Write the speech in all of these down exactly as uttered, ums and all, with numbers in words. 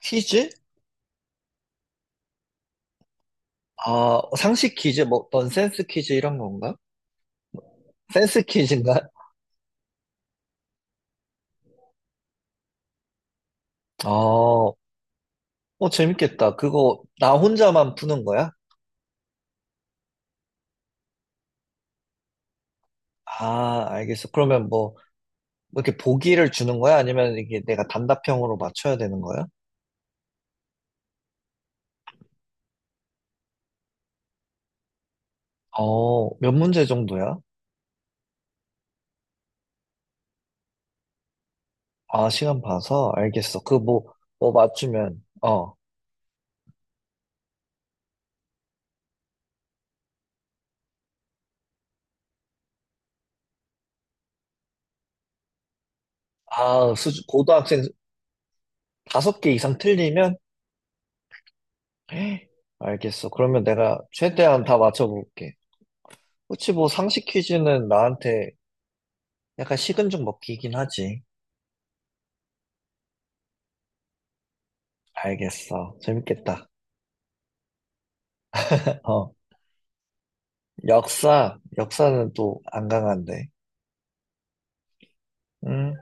퀴즈? 아, 상식 퀴즈? 뭐, 넌센스 퀴즈 이런 건가? 센스 퀴즈인가? 아, 어, 재밌겠다. 그거 나 혼자만 푸는 거야? 아, 알겠어. 그러면 뭐, 뭐 이렇게 보기를 주는 거야? 아니면 이게 내가 단답형으로 맞춰야 되는 거야? 어, 몇 문제 정도야? 아, 시간 봐서? 알겠어. 그 뭐, 뭐 맞추면, 어. 아, 수준, 고등학생 다섯 개 이상 틀리면? 에이, 알겠어. 그러면 내가 최대한 다 맞춰볼게. 혹시 뭐, 상식 퀴즈는 나한테 약간 식은 죽 먹기긴 하지. 알겠어. 재밌겠다. 어. 역사, 역사는 또 안 강한데. 음,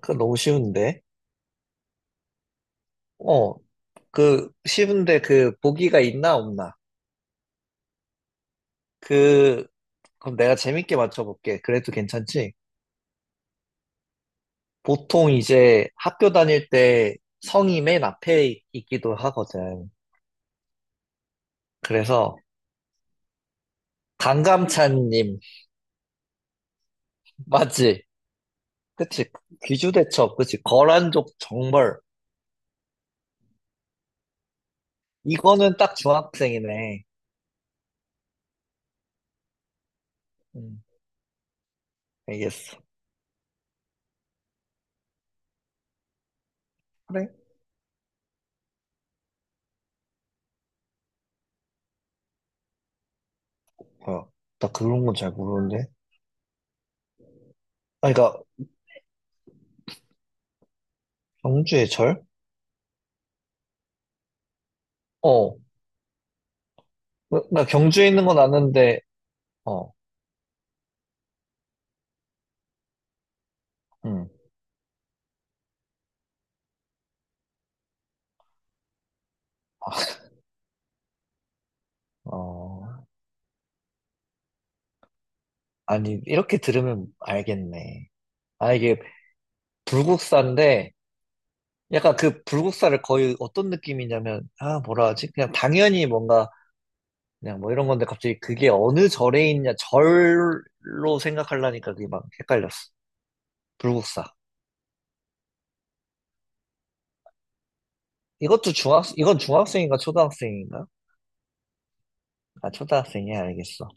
그거 너무 쉬운데. 어, 그, 쉬운데 그, 보기가 있나 없나? 그, 그럼 내가 재밌게 맞춰볼게. 그래도 괜찮지? 보통 이제 학교 다닐 때 성이 맨 앞에 있- 있기도 하거든. 그래서, 강감찬님, 맞지? 그치? 귀주대첩, 그치? 거란족 정벌. 이거는 딱 중학생이네. 음, 알겠어. 그래? 어, 나 그런 건 잘 모르는데. 아, 그러니까 경주의 절? 어, 나, 나 경주에 있는 건 아는데, 어, 음, 어, 아니 이렇게 들으면 알겠네. 아, 이게 불국사인데, 약간 그 불국사를 거의 어떤 느낌이냐면, 아, 뭐라 하지? 그냥 당연히 뭔가 그냥 뭐 이런 건데 갑자기 그게 어느 절에 있냐 절로 생각하려니까 그게 막 헷갈렸어. 불국사. 이것도 중학, 이건 중학생인가 초등학생인가? 아, 초등학생이야, 알겠어.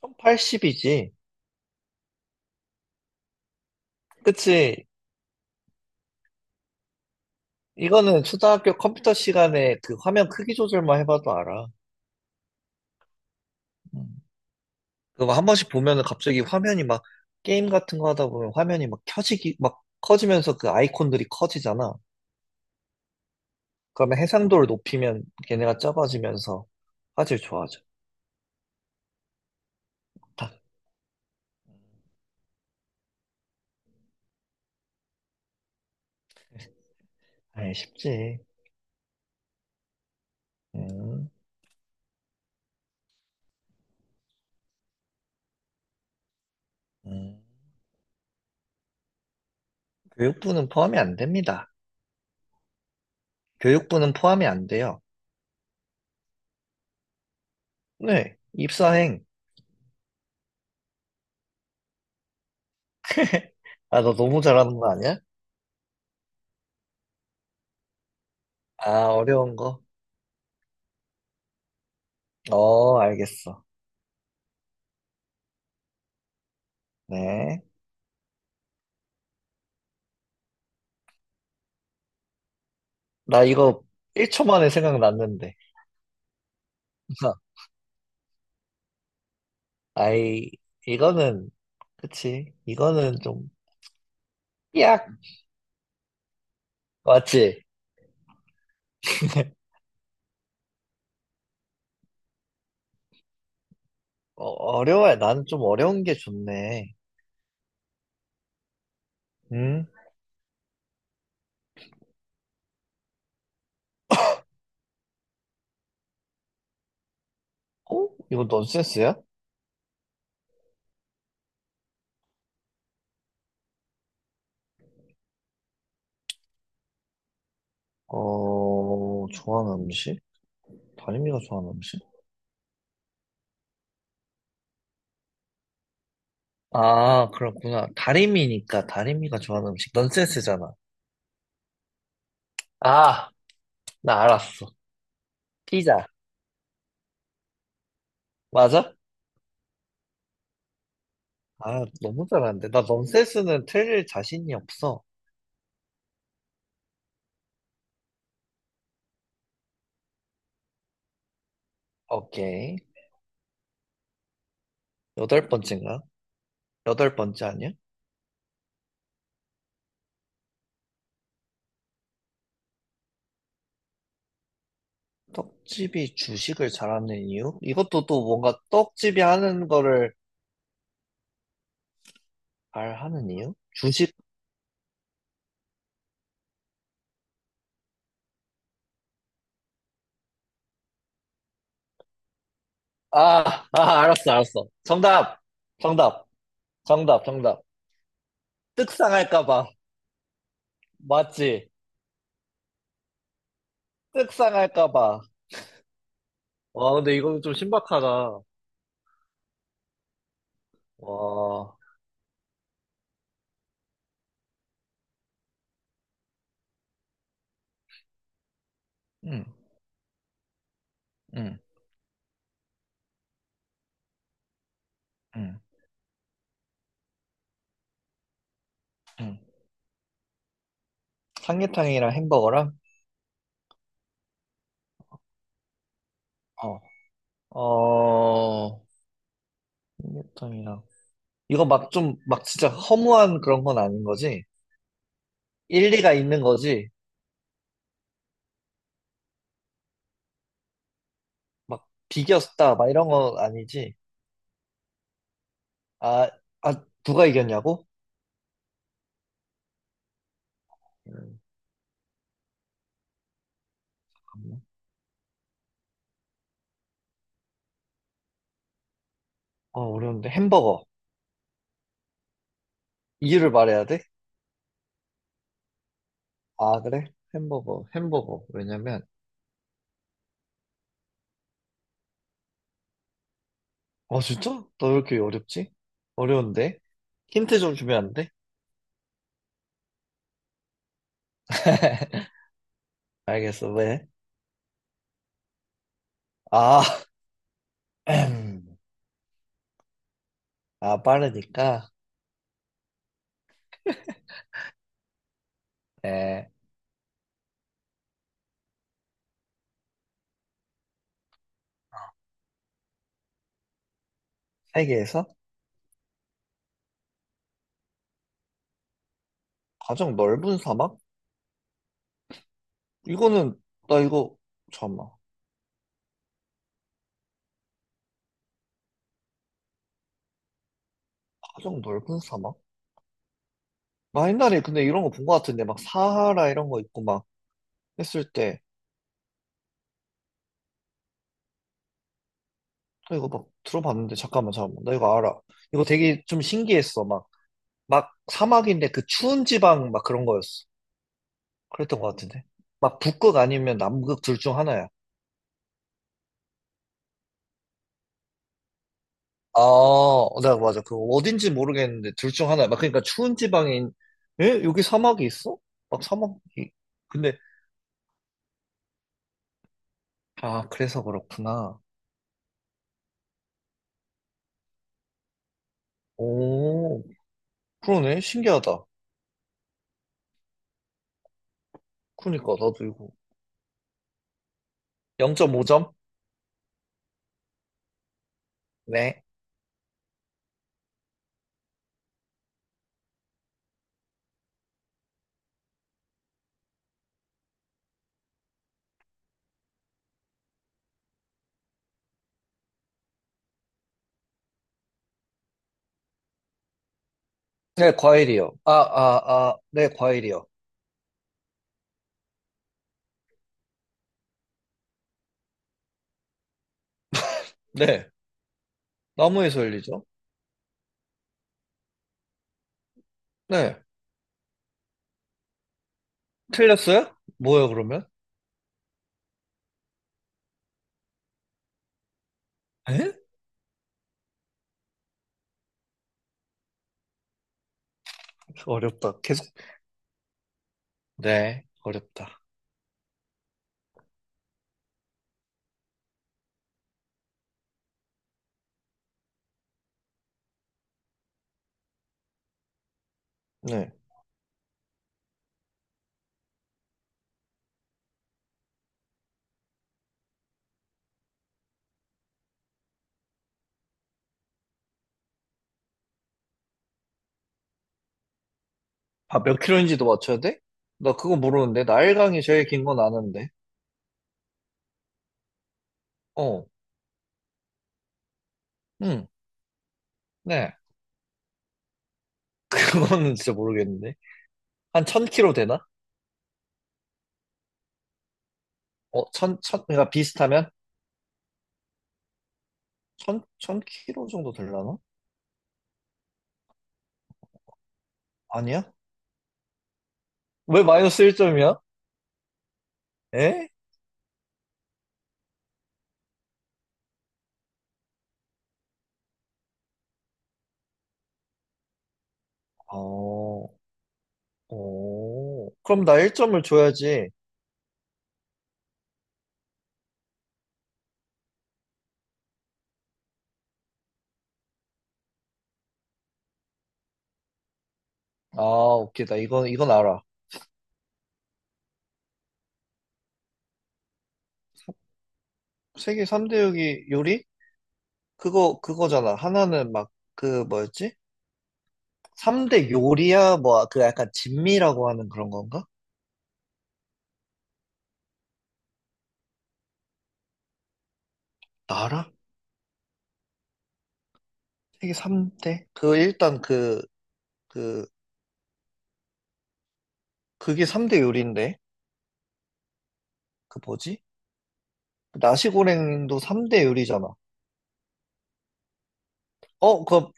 천팔십이지. 그치. 이거는 초등학교 컴퓨터 시간에 그 화면 크기 조절만 해봐도 알아. 음. 그거 한 번씩 보면은 갑자기 화면이 막 게임 같은 거 하다 보면 화면이 막 켜지기, 막 커지면서 그 아이콘들이 커지잖아. 그러면 해상도를 높이면 걔네가 작아지면서 화질 좋아져. 딱, 아, 쉽지. 음, 음. 교육부는 포함이 안 됩니다. 교육부는 포함이 안 돼요. 네, 입사행. 아, 너 너무 잘하는 거 아니야? 아, 어려운 거. 어, 알겠어. 네. 나 이거 일 초 만에 생각났는데. 아이, 이거는, 그치. 이거는 좀, 약! 맞지? 어, 어려워야. 나는 좀 어려운 게 좋네. 응? 어? 이거 넌센스야? 어, 좋아하는 음식? 다리미가 좋아하는 음식? 아, 그렇구나. 다리미니까 다리미가 좋아하는 음식. 넌센스잖아. 아, 나 알았어. 피자. 맞아? 아, 너무 잘하는데. 나 넌센스는 틀릴 자신이 없어. 오케이. 여덟 번째인가? 여덟 번째 아니야? 떡집이 주식을 잘하는 이유? 이것도 또 뭔가 떡집이 하는 거를 잘 하는 이유? 주식? 아, 아, 알았어, 알았어. 정답! 정답! 정답, 정답. 떡상할까봐. 맞지? 떡상할까봐. 와, 근데 이거는 좀 신박하다. 와. 응, 응, 응, 응. 삼계탕이랑 햄버거랑? 어. 어, 삼계탕이랑. 이거 막 좀, 막 진짜 허무한 그런 건 아닌 거지? 일리가 있는 거지? 막 비겼다, 막 이런 건 아니지? 아, 아, 누가 이겼냐고? 음, 잠깐만. 어, 어려운데. 햄버거. 이유를 말해야 돼? 아, 그래? 햄버거, 햄버거. 왜냐면, 어, 진짜? 너 왜 이렇게 어렵지? 어려운데? 힌트 좀 주면 안 돼? 알겠어, 왜? 아, 아, 빠르니까. 에, 세개에서 가장 넓은 사막? 이거는 나 이거 잠깐만. 가장 넓은 사막? 나 옛날에 근데 이런 거 본 거 같은데 막 사하라 이런 거 있고 막 했을 때 나 이거 막 들어봤는데 잠깐만 잠깐만 나 이거 알아. 이거 되게 좀 신기했어. 막 막 사막인데 그 추운 지방 막 그런 거였어. 그랬던 거 같은데 막 북극 아니면 남극 둘 중 하나야. 아, 나 맞아. 그 어딘지 모르겠는데 둘 중 하나야. 막 그러니까 추운 지방에 있- 에? 여기 사막이 있어? 막 사막이 근데, 아, 그래서 그렇구나. 오, 그러네. 신기하다. 그러니까, 나도 이거. 영 점 오 점? 네. 네, 과일이요. 아, 아, 아, 네, 과일이요. 네. 나무에서 열리죠? 네. 틀렸어요? 뭐예요, 그러면? 에? 어렵다. 계속. 네, 어렵다. 네. 아, 몇 킬로인지도 맞춰야 돼? 나 그거 모르는데. 나일강이 제일 긴 건 아는데. 어, 응, 네. 그거는 진짜 모르겠는데. 한 천 킬로 되나? 어, 천, 천, 그러니까 비슷하면? 천, 천 킬로 정도 되려나? 아니야? 왜 마이너스 일 점이야? 에? 어, 오, 그럼 나 일 점을 줘야지. 아, 오케이. 나 이건, 이건 알아. 세계 삼 대 요리? 요리? 그거, 그거잖아. 하나는 막, 그, 뭐였지? 삼 대 요리야? 뭐, 그 약간 진미라고 하는 그런 건가? 나 알아? 세계 삼 대? 그, 일단 그, 그, 그게 삼 대 요리인데? 그 뭐지? 나시고랭도 삼 대 요리잖아. 어, 그,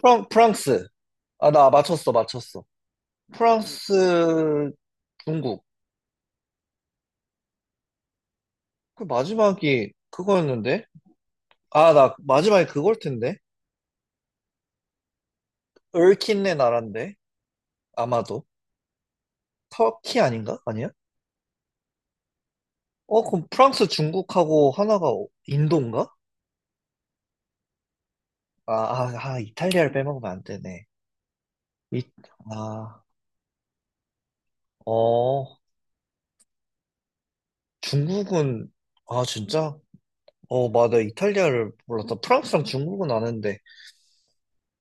프랑, 프랑스. 아, 나 맞췄어, 맞췄어. 프랑스, 중국. 그 마지막이 그거였는데? 아, 나 마지막에 그걸 텐데? 얼킨네 나라인데 아마도. 터키 아닌가? 아니야? 어, 그럼 프랑스, 중국하고 하나가 어, 인도인가? 아, 아, 아, 이탈리아를 빼먹으면 안 되네. 이, 아, 어, 중국은, 아, 진짜? 어, 맞아. 이탈리아를 몰랐다. 프랑스랑 중국은 아는데.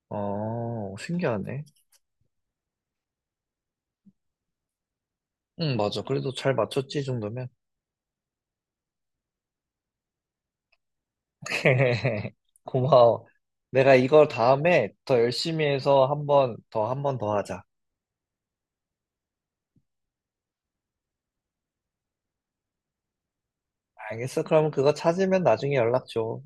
어, 신기하네. 응, 맞아. 그래도 잘 맞췄지, 이 정도면. 고마워. 내가 이걸 다음에 더 열심히 해서 한번 더, 한 번 더 하자. 알겠어? 그럼 그거 찾으면 나중에 연락 줘.